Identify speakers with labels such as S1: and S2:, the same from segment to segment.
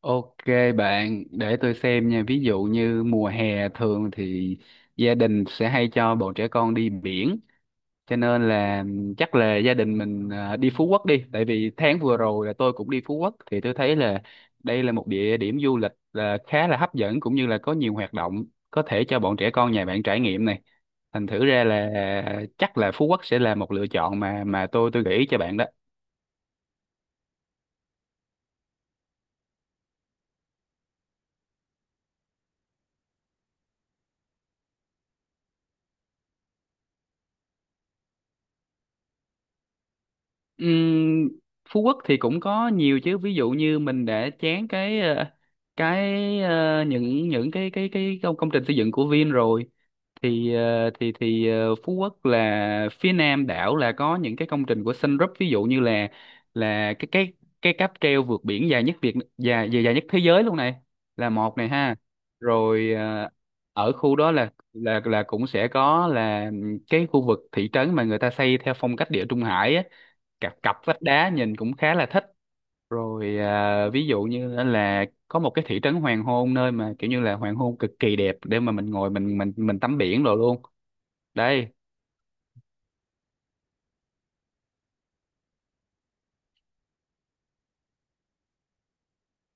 S1: Ok bạn, để tôi xem nha. Ví dụ như mùa hè thường thì gia đình sẽ hay cho bọn trẻ con đi biển. Cho nên là chắc là gia đình mình đi Phú Quốc đi. Tại vì tháng vừa rồi là tôi cũng đi Phú Quốc thì tôi thấy là đây là một địa điểm du lịch là khá là hấp dẫn, cũng như là có nhiều hoạt động có thể cho bọn trẻ con nhà bạn trải nghiệm này. Thành thử ra là chắc là Phú Quốc sẽ là một lựa chọn mà tôi gợi ý cho bạn đó. Ừm, Phú Quốc thì cũng có nhiều chứ, ví dụ như mình để chán cái những cái công công trình xây dựng của Vin rồi. Thì ờ, thì thì ờ, Phú Quốc là phía nam đảo, là có những cái công trình của Sun Group, ví dụ như là là cái cái cái cáp treo vượt biển dài nhất Việt dài dài, dài nhất thế giới luôn này, là một này ha. Rồi ở khu đó là cũng sẽ có là cái khu vực thị trấn mà người ta xây theo phong cách địa Trung Hải á, cặp cặp vách đá nhìn cũng khá là thích. Rồi ví dụ như là có một cái thị trấn hoàng hôn, nơi mà kiểu như là hoàng hôn cực kỳ đẹp, để mà mình ngồi, mình tắm biển rồi luôn đây.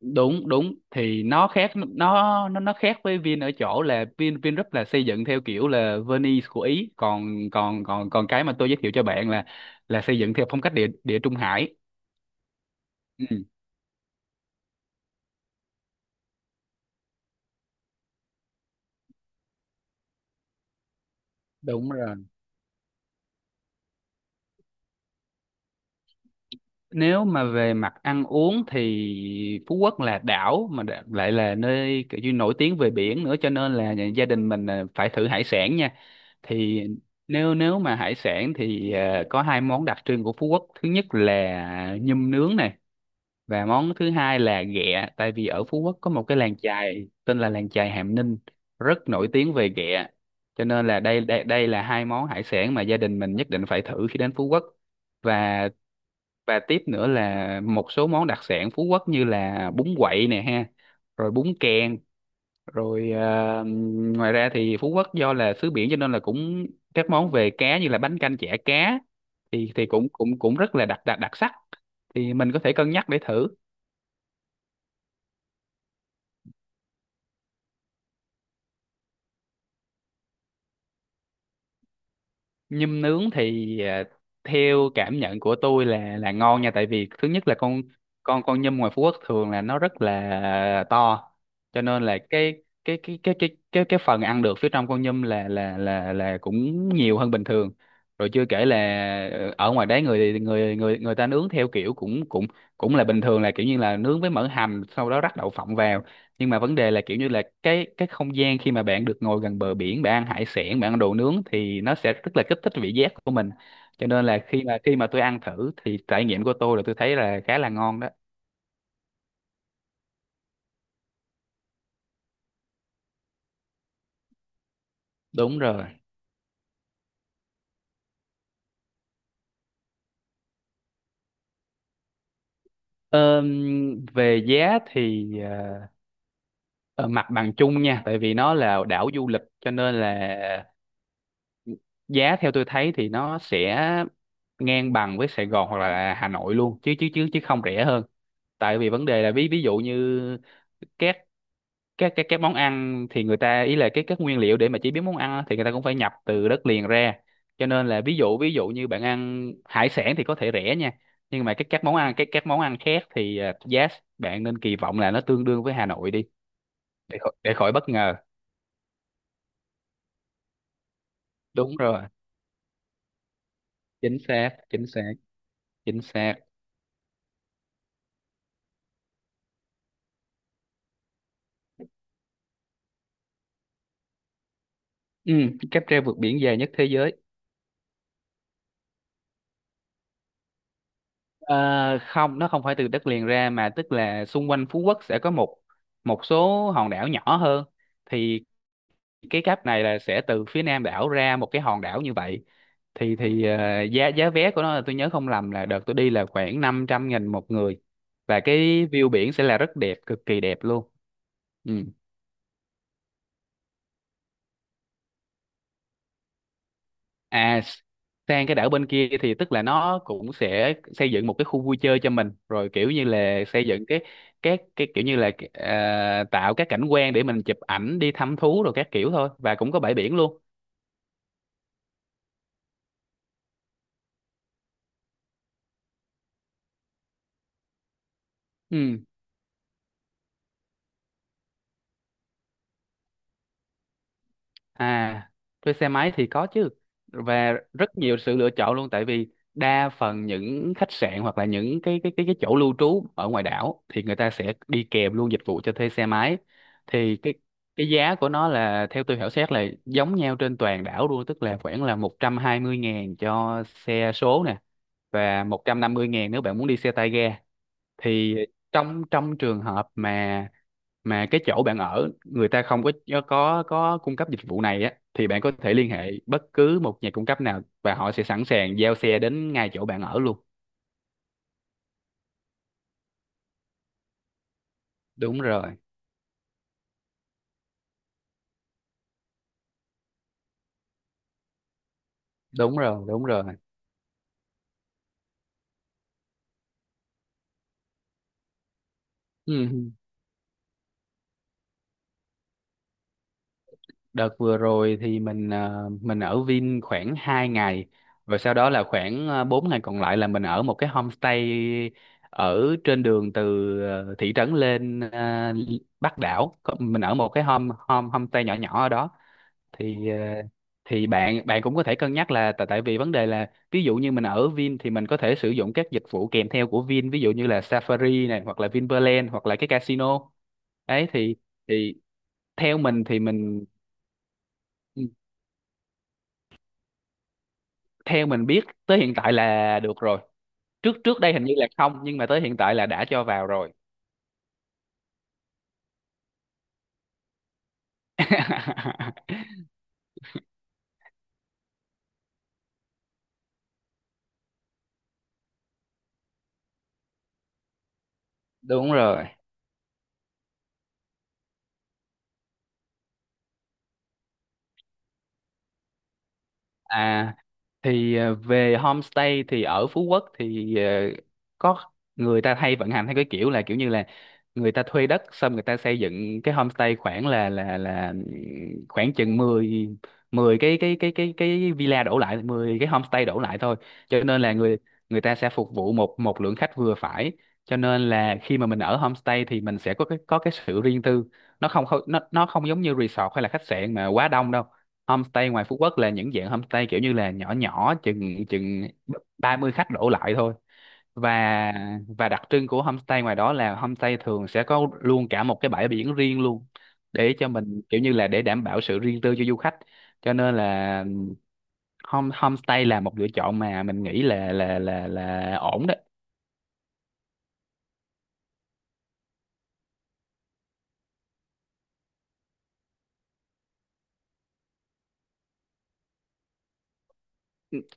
S1: Đúng đúng, thì nó khác, nó khác với Vin ở chỗ là Vingroup là xây dựng theo kiểu là Venice của Ý, còn còn còn còn cái mà tôi giới thiệu cho bạn là xây dựng theo phong cách địa địa Trung Hải. Ừ, đúng rồi. Nếu mà về mặt ăn uống thì Phú Quốc là đảo mà lại là nơi kiểu như nổi tiếng về biển nữa, cho nên là gia đình mình là phải thử hải sản nha. Thì nếu nếu mà hải sản thì có hai món đặc trưng của Phú Quốc. Thứ nhất là nhum nướng này, và món thứ hai là ghẹ, tại vì ở Phú Quốc có một cái làng chài tên là làng chài Hàm Ninh rất nổi tiếng về ghẹ. Cho nên là đây đây đây là hai món hải sản mà gia đình mình nhất định phải thử khi đến Phú Quốc. Và tiếp nữa là một số món đặc sản Phú Quốc như là bún quậy nè ha, rồi bún kèn, rồi ngoài ra thì Phú Quốc do là xứ biển cho nên là cũng các món về cá như là bánh canh chả cá, thì cũng cũng cũng rất là đặc đặc đặc sắc. Thì mình có thể cân nhắc để thử. Nhum nướng thì theo cảm nhận của tôi là ngon nha. Tại vì thứ nhất là con con nhum ngoài Phú Quốc thường là nó rất là to, cho nên là cái phần ăn được phía trong con nhum là cũng nhiều hơn bình thường. Rồi chưa kể là ở ngoài đấy người người người người ta nướng theo kiểu cũng cũng cũng là bình thường, là kiểu như là nướng với mỡ hành, sau đó rắc đậu phộng vào. Nhưng mà vấn đề là kiểu như là cái không gian khi mà bạn được ngồi gần bờ biển, bạn ăn hải sản, bạn ăn đồ nướng thì nó sẽ rất là kích thích vị giác của mình. Cho nên là khi mà tôi ăn thử thì trải nghiệm của tôi là tôi thấy là khá là ngon đó. Đúng rồi. Về giá thì ờ, mặt bằng chung nha, tại vì nó là đảo du lịch cho nên là giá theo tôi thấy thì nó sẽ ngang bằng với Sài Gòn hoặc là Hà Nội luôn, chứ chứ chứ chứ không rẻ hơn. Tại vì vấn đề là ví ví dụ như các các món ăn thì người ta ý là cái các nguyên liệu để mà chế biến món ăn á, thì người ta cũng phải nhập từ đất liền ra. Cho nên là ví dụ như bạn ăn hải sản thì có thể rẻ nha, nhưng mà các món ăn khác thì giá bạn nên kỳ vọng là nó tương đương với Hà Nội đi, để khỏi bất ngờ. Đúng rồi. Chính xác, chính xác, chính xác. Ừ, cáp treo vượt biển dài nhất thế giới. Ờ, không, nó không phải từ đất liền ra, mà tức là xung quanh Phú Quốc sẽ có một một số hòn đảo nhỏ hơn. Thì cái cáp này là sẽ từ phía nam đảo ra một cái hòn đảo như vậy. Giá giá vé của nó là, tôi nhớ không lầm, là đợt tôi đi là khoảng 500.000 một người. Và cái view biển sẽ là rất đẹp, cực kỳ đẹp luôn. Ừ. à s- Sang cái đảo bên kia thì tức là nó cũng sẽ xây dựng một cái khu vui chơi cho mình rồi, kiểu như là xây dựng các cái kiểu như là tạo các cảnh quan để mình chụp ảnh, đi thăm thú rồi các kiểu thôi, và cũng có bãi biển luôn. Ừ. À, thuê xe máy thì có chứ, và rất nhiều sự lựa chọn luôn. Tại vì đa phần những khách sạn, hoặc là những cái chỗ lưu trú ở ngoài đảo, thì người ta sẽ đi kèm luôn dịch vụ cho thuê xe máy. Thì cái giá của nó là theo tôi khảo sát là giống nhau trên toàn đảo luôn, tức là khoảng là 120.000 cho xe số nè, và 150.000 nếu bạn muốn đi xe tay ga. Thì trong trong trường hợp mà cái chỗ bạn ở người ta không có cung cấp dịch vụ này á, thì bạn có thể liên hệ bất cứ một nhà cung cấp nào, và họ sẽ sẵn sàng giao xe đến ngay chỗ bạn ở luôn. Đúng rồi, đúng rồi, đúng rồi. Ừ. Đợt vừa rồi thì mình ở Vin khoảng 2 ngày, rồi sau đó là khoảng 4 ngày còn lại là mình ở một cái homestay ở trên đường từ thị trấn lên Bắc đảo. Mình ở một cái home home homestay nhỏ nhỏ ở đó. Thì ờ, thì bạn bạn cũng có thể cân nhắc là, tại tại vì vấn đề là ví dụ như mình ở Vin thì mình có thể sử dụng các dịch vụ kèm theo của Vin, ví dụ như là Safari này, hoặc là Vinpearl, hoặc là cái casino. Ấy thì thì theo mình thì mình theo mình biết tới hiện tại là được rồi. Trước Trước đây hình như là không, nhưng mà tới hiện tại là đã cho vào rồi. Đúng rồi. À, thì về homestay thì ở Phú Quốc thì có, người ta hay vận hành theo cái kiểu, là kiểu như là người ta thuê đất xong người ta xây dựng cái homestay khoảng là khoảng chừng mười, cái villa đổ lại, 10 cái homestay đổ lại thôi. Cho nên là người người ta sẽ phục vụ một một lượng khách vừa phải. Cho nên là khi mà mình ở homestay thì mình sẽ có cái sự riêng tư, nó không không- nó không giống như resort hay là khách sạn mà quá đông đâu. Homestay ngoài Phú Quốc là những dạng homestay kiểu như là nhỏ nhỏ, chừng chừng 30 khách đổ lại thôi. Và đặc trưng của homestay ngoài đó là homestay thường sẽ có luôn cả một cái bãi biển riêng luôn, để cho mình kiểu như là để đảm bảo sự riêng tư cho du khách. Cho nên là homestay là một lựa chọn mà mình nghĩ là ổn đó.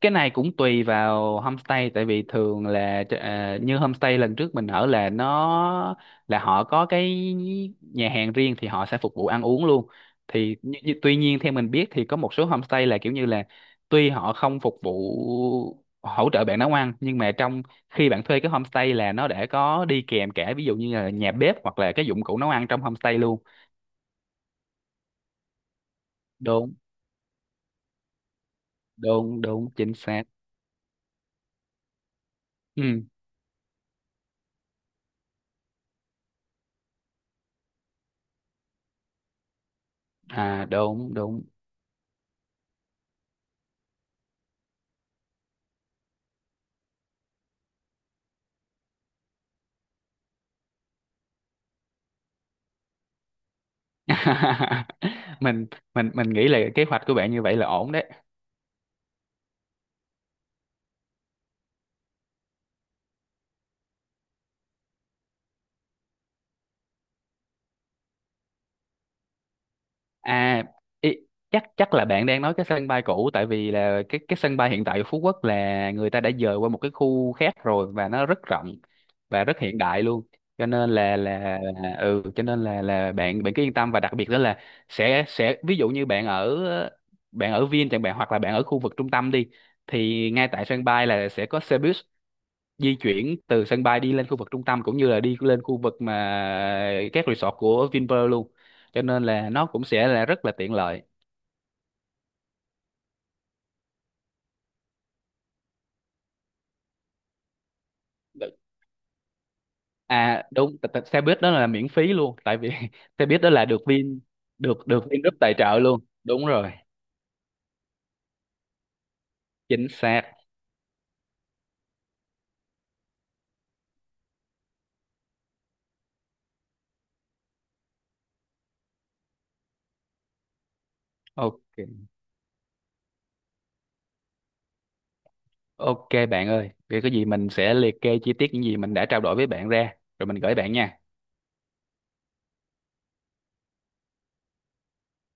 S1: Cái này cũng tùy vào homestay, tại vì thường là như homestay lần trước mình ở là nó là họ có nhà hàng riêng, thì họ sẽ phục vụ ăn uống luôn. Thì như, như- tuy nhiên theo mình biết thì có một số homestay là kiểu như là, tuy họ không phục vụ hỗ trợ bạn nấu ăn, nhưng mà trong khi bạn thuê cái homestay là nó đã có đi kèm cả, ví dụ như là nhà bếp, hoặc là cái dụng cụ nấu ăn trong homestay luôn. Đúng, đúng đúng. Chính xác. Ừ. À, đúng đúng. Mình nghĩ là kế hoạch của bạn như vậy là ổn đấy. À, ý, chắc chắc là bạn đang nói cái sân bay cũ, tại vì là cái sân bay hiện tại của Phú Quốc là người ta đã dời qua một cái khu khác rồi, và nó rất rộng và rất hiện đại luôn. Cho nên là bạn bạn cứ yên tâm. Và đặc biệt đó là sẽ, ví dụ như bạn ở Vin chẳng bạn, hoặc là bạn ở khu vực trung tâm đi, thì ngay tại sân bay là sẽ có xe buýt di chuyển từ sân bay đi lên khu vực trung tâm, cũng như là đi lên khu vực mà các resort của Vinpearl luôn. Cho nên là nó cũng sẽ là rất là tiện lợi. À đúng. Xe buýt đó là miễn phí luôn, tại vì xe buýt đó là được Vin, được được Vingroup tài trợ luôn. Đúng rồi. Chính xác. Ok, ok bạn ơi, vậy có gì mình sẽ liệt kê chi tiết những gì mình đã trao đổi với bạn ra, rồi mình gửi bạn nha.